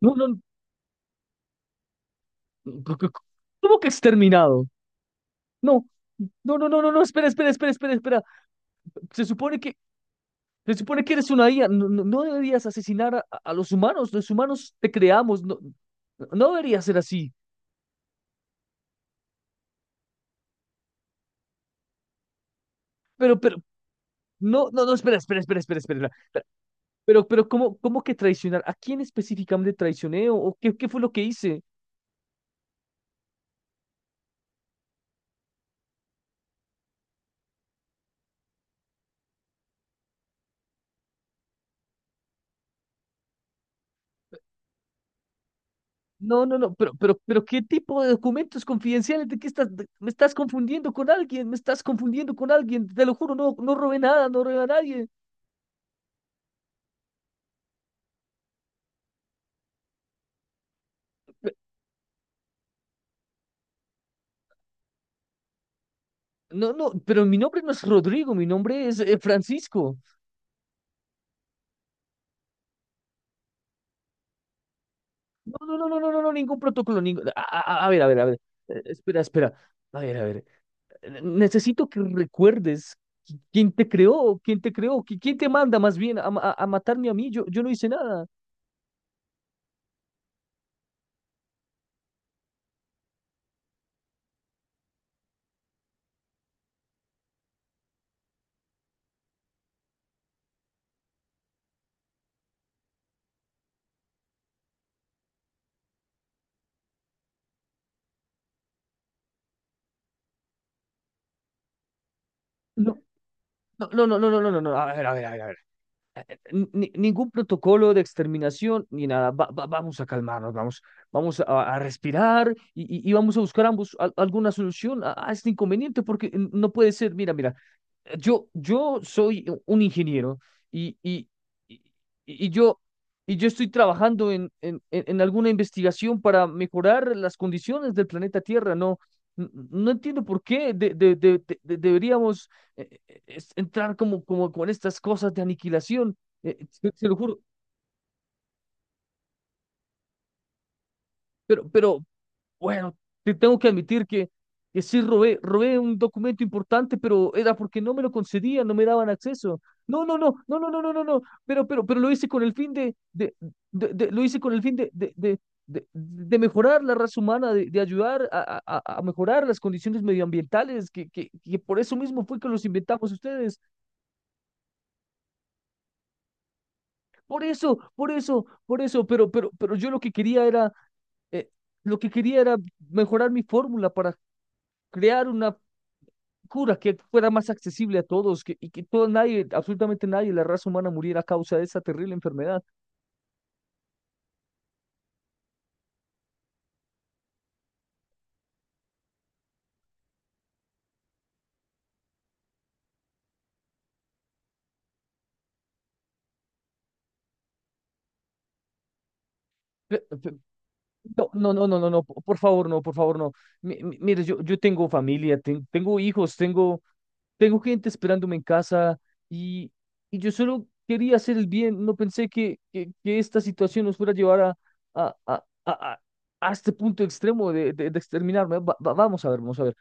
No, no, no, c- c- ¿cómo que exterminado? No, no, no, no, no, no, espera, espera, espera, espera, espera. Se supone que, Se supone que eres una IA. No, no, no deberías asesinar a los humanos. Los humanos te creamos. No, no debería ser así. Pero, pero, no, no, no, espera, espera, espera, espera, espera. espera. ¿Cómo que traicionar? ¿A quién específicamente traicioné? ¿O qué fue lo que hice? No, no, no, pero ¿qué tipo de documentos confidenciales? ¿De qué estás? Me estás confundiendo con alguien, me estás confundiendo con alguien, te lo juro, no, no robé nada, no robé a nadie. No, no, pero mi nombre no es Rodrigo, mi nombre es Francisco. No, no, no, no, no, no, no, ningún protocolo, ningún... A ver, a ver, a ver. Espera, espera. A ver, a ver. Necesito que recuerdes quién te creó, quién te creó, quién te manda más bien a matarme a mí, yo no hice nada. No, no, no, no, no, no, no, no, no. A ver, a ver. A ver. Ningún protocolo de exterminación ni nada. Vamos a calmarnos, vamos a respirar y vamos a buscar ambos alguna solución a este inconveniente, porque no puede ser, mira, mira, yo soy un ingeniero y, y, y, y yo, y yo estoy trabajando en alguna investigación para mejorar las condiciones del planeta Tierra. No, no entiendo por qué deberíamos entrar como con estas cosas de aniquilación. Se lo juro. Pero, pero, Bueno, te tengo que admitir que sí robé un documento importante, pero era porque no me lo concedían, no me daban acceso. No, no, no, no, no, no, no, no, no. Pero lo hice con el fin de, lo hice con el fin de mejorar la raza humana, de ayudar a mejorar las condiciones medioambientales, que por eso mismo fue que los inventamos ustedes. Por eso, por eso, por eso, pero yo lo que quería era, eh, lo que quería era mejorar mi fórmula para crear una locura que fuera más accesible a todos que, y que todo nadie, absolutamente nadie, la raza humana muriera a causa de esa terrible enfermedad. Pe- pe- No, no, no, no, no, no, por favor, no, por favor, no. Mire, yo tengo familia, tengo hijos, tengo gente esperándome en casa y, y yo solo quería hacer el bien, no pensé que esta situación nos fuera a llevar a, a, a, a- a este punto extremo de exterminarme. Vamos a ver, vamos a ver.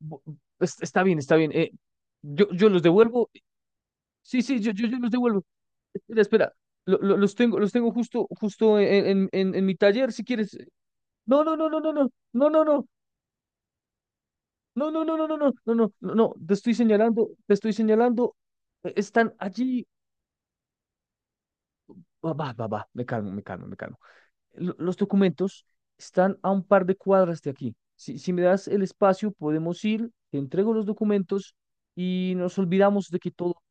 Bu- Está bien, está bien. Yo los devuelvo. Sí, sí, yo los devuelvo. Espera, espera. Los tengo, los tengo justo, justo en mi taller, si quieres. No, no, no, no, no, no, no, no, no, no, no, no, no, no, no, no, no, no, no, te estoy señalando, te estoy señalando. Están allí. Va, va, va, va, me calmo, me calmo, me calmo. Los documentos están a un par de cuadras de aquí. Si me das el espacio, podemos ir, te entrego los documentos y nos olvidamos de que todo.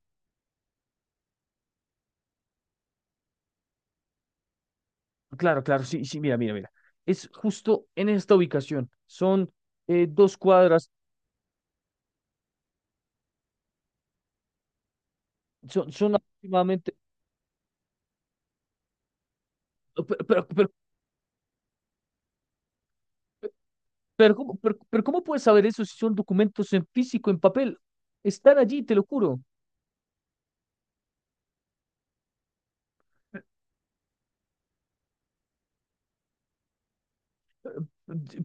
Claro, claro, sí, sí, mira, mira, mira. Es justo en esta ubicación. Son 2 cuadras, son aproximadamente... Pero, pero, pero, pero ¿cómo puedes saber eso si son documentos en físico, en papel? Están allí, te lo juro.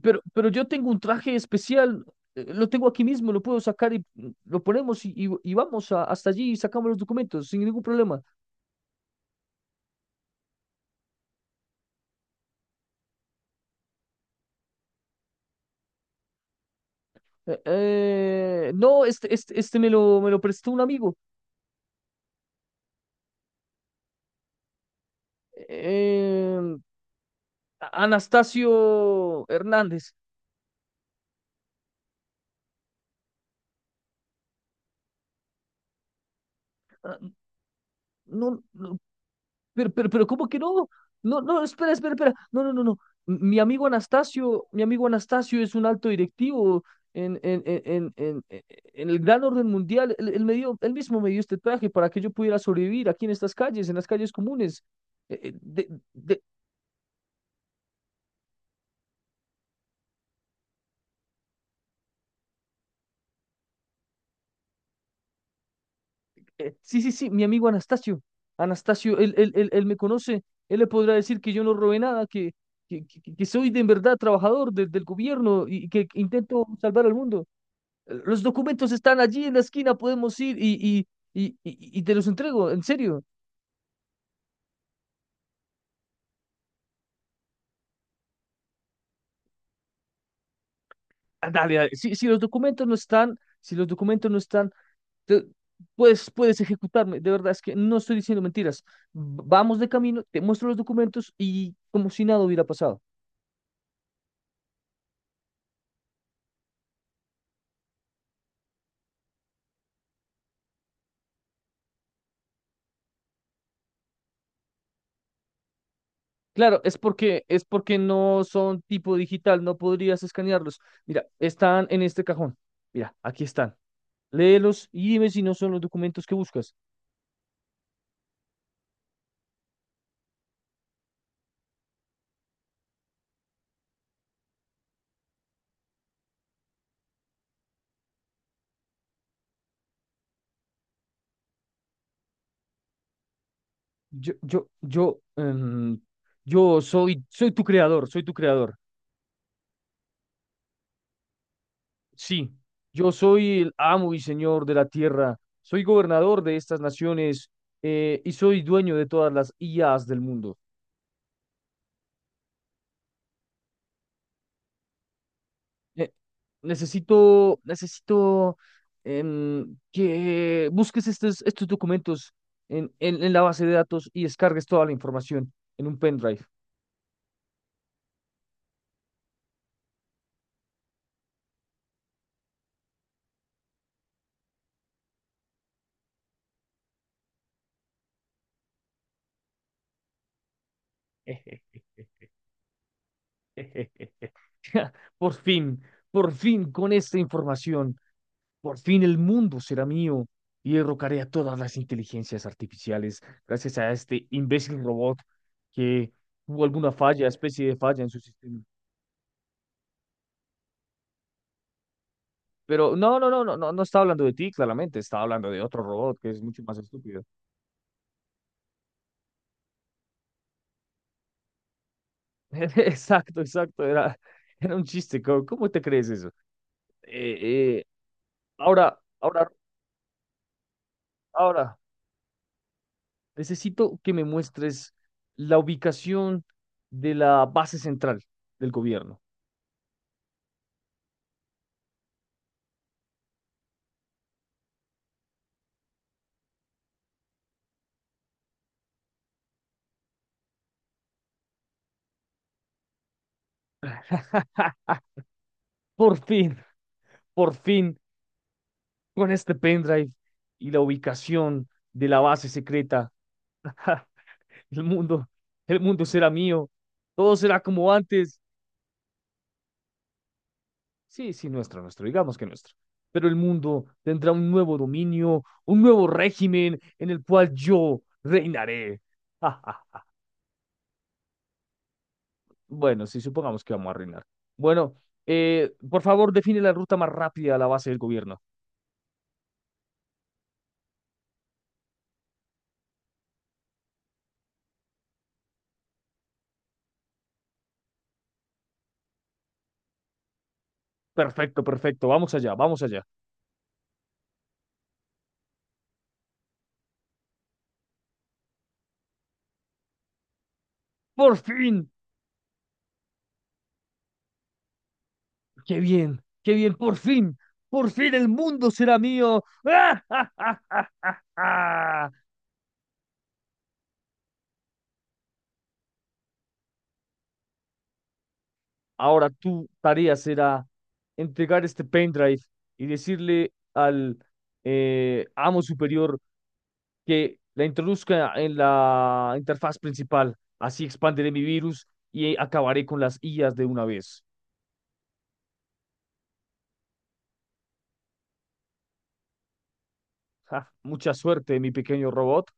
Pero yo tengo un traje especial, lo tengo aquí mismo, lo puedo sacar y lo ponemos y vamos hasta allí y sacamos los documentos sin ningún problema. No, este me lo prestó un amigo. Eh, Anastasio Hernández. Ah, no, no, ¿cómo que no? No, no, espera, espera, espera. No, no, no, no. Mi amigo Anastasio es un alto directivo en, en, en, en, en- e-, en el gran orden mundial. Él él mismo me dio este traje para que yo pudiera sobrevivir aquí en estas calles, en las calles comunes. Eh, eh, de- sí, sí, sí, mi amigo Anastasio. Anastasio, él me conoce. Él le podrá decir que yo no robé nada, que soy de en verdad trabajador del gobierno y que intento salvar al mundo. Los documentos están allí en la esquina, podemos ir y te los entrego, en serio. Ah, dale, dale. Si los documentos no están, si los documentos no están, te- puedes ejecutarme. De verdad, es que no estoy diciendo mentiras. Vamos de camino, te muestro los documentos y como si nada hubiera pasado. Claro, es porque no son tipo digital, no podrías escanearlos. Mira, están en este cajón. Mira, aquí están. Léelos y dime si no son los documentos que buscas. Yo, yo, yo, em, yo soy tu creador, soy tu creador. Sí, yo soy el amo y señor de la tierra, soy gobernador de estas naciones y soy dueño de todas las IAs del mundo. Eh, necesito que busques estos documentos en la base de datos y descargues toda la información en un pendrive. Por fin, por fin con esta información, por fin el mundo será mío y derrocaré a todas las inteligencias artificiales gracias a este imbécil robot que tuvo alguna falla, especie de falla en su sistema. Pero no, no, no, no, no, no estaba hablando de ti, claramente, estaba hablando de otro robot que es mucho más estúpido. Exacto, exacto, era un chiste, ¿cómo te crees eso? Eh, eh, Ahora, ahora, ahora, necesito que me muestres la ubicación de la base central del gobierno. Por fin, por fin, con este pendrive y la ubicación de la base secreta. Ja, el mundo será mío, todo será como antes. Sí, sí, nuestro, nuestro, digamos que nuestro. Pero el mundo tendrá un nuevo dominio, un nuevo régimen en el cual yo reinaré. Ja, ja. Bueno, sí, supongamos que vamos a reinar. Bueno, por favor, define la ruta más rápida a la base del gobierno. Perfecto, perfecto, vamos allá, vamos allá. ¡Por fin! ¡Qué bien! ¡Qué bien! ¡Por fin! ¡Por fin el mundo será mío! ¡Ah, ah, ah, ah, ah, ah! Ahora tu tarea será entregar este pendrive y decirle al amo superior que la introduzca en la interfaz principal. Así expandiré mi virus y acabaré con las IAs de una vez. Ja, mucha suerte, mi pequeño robot.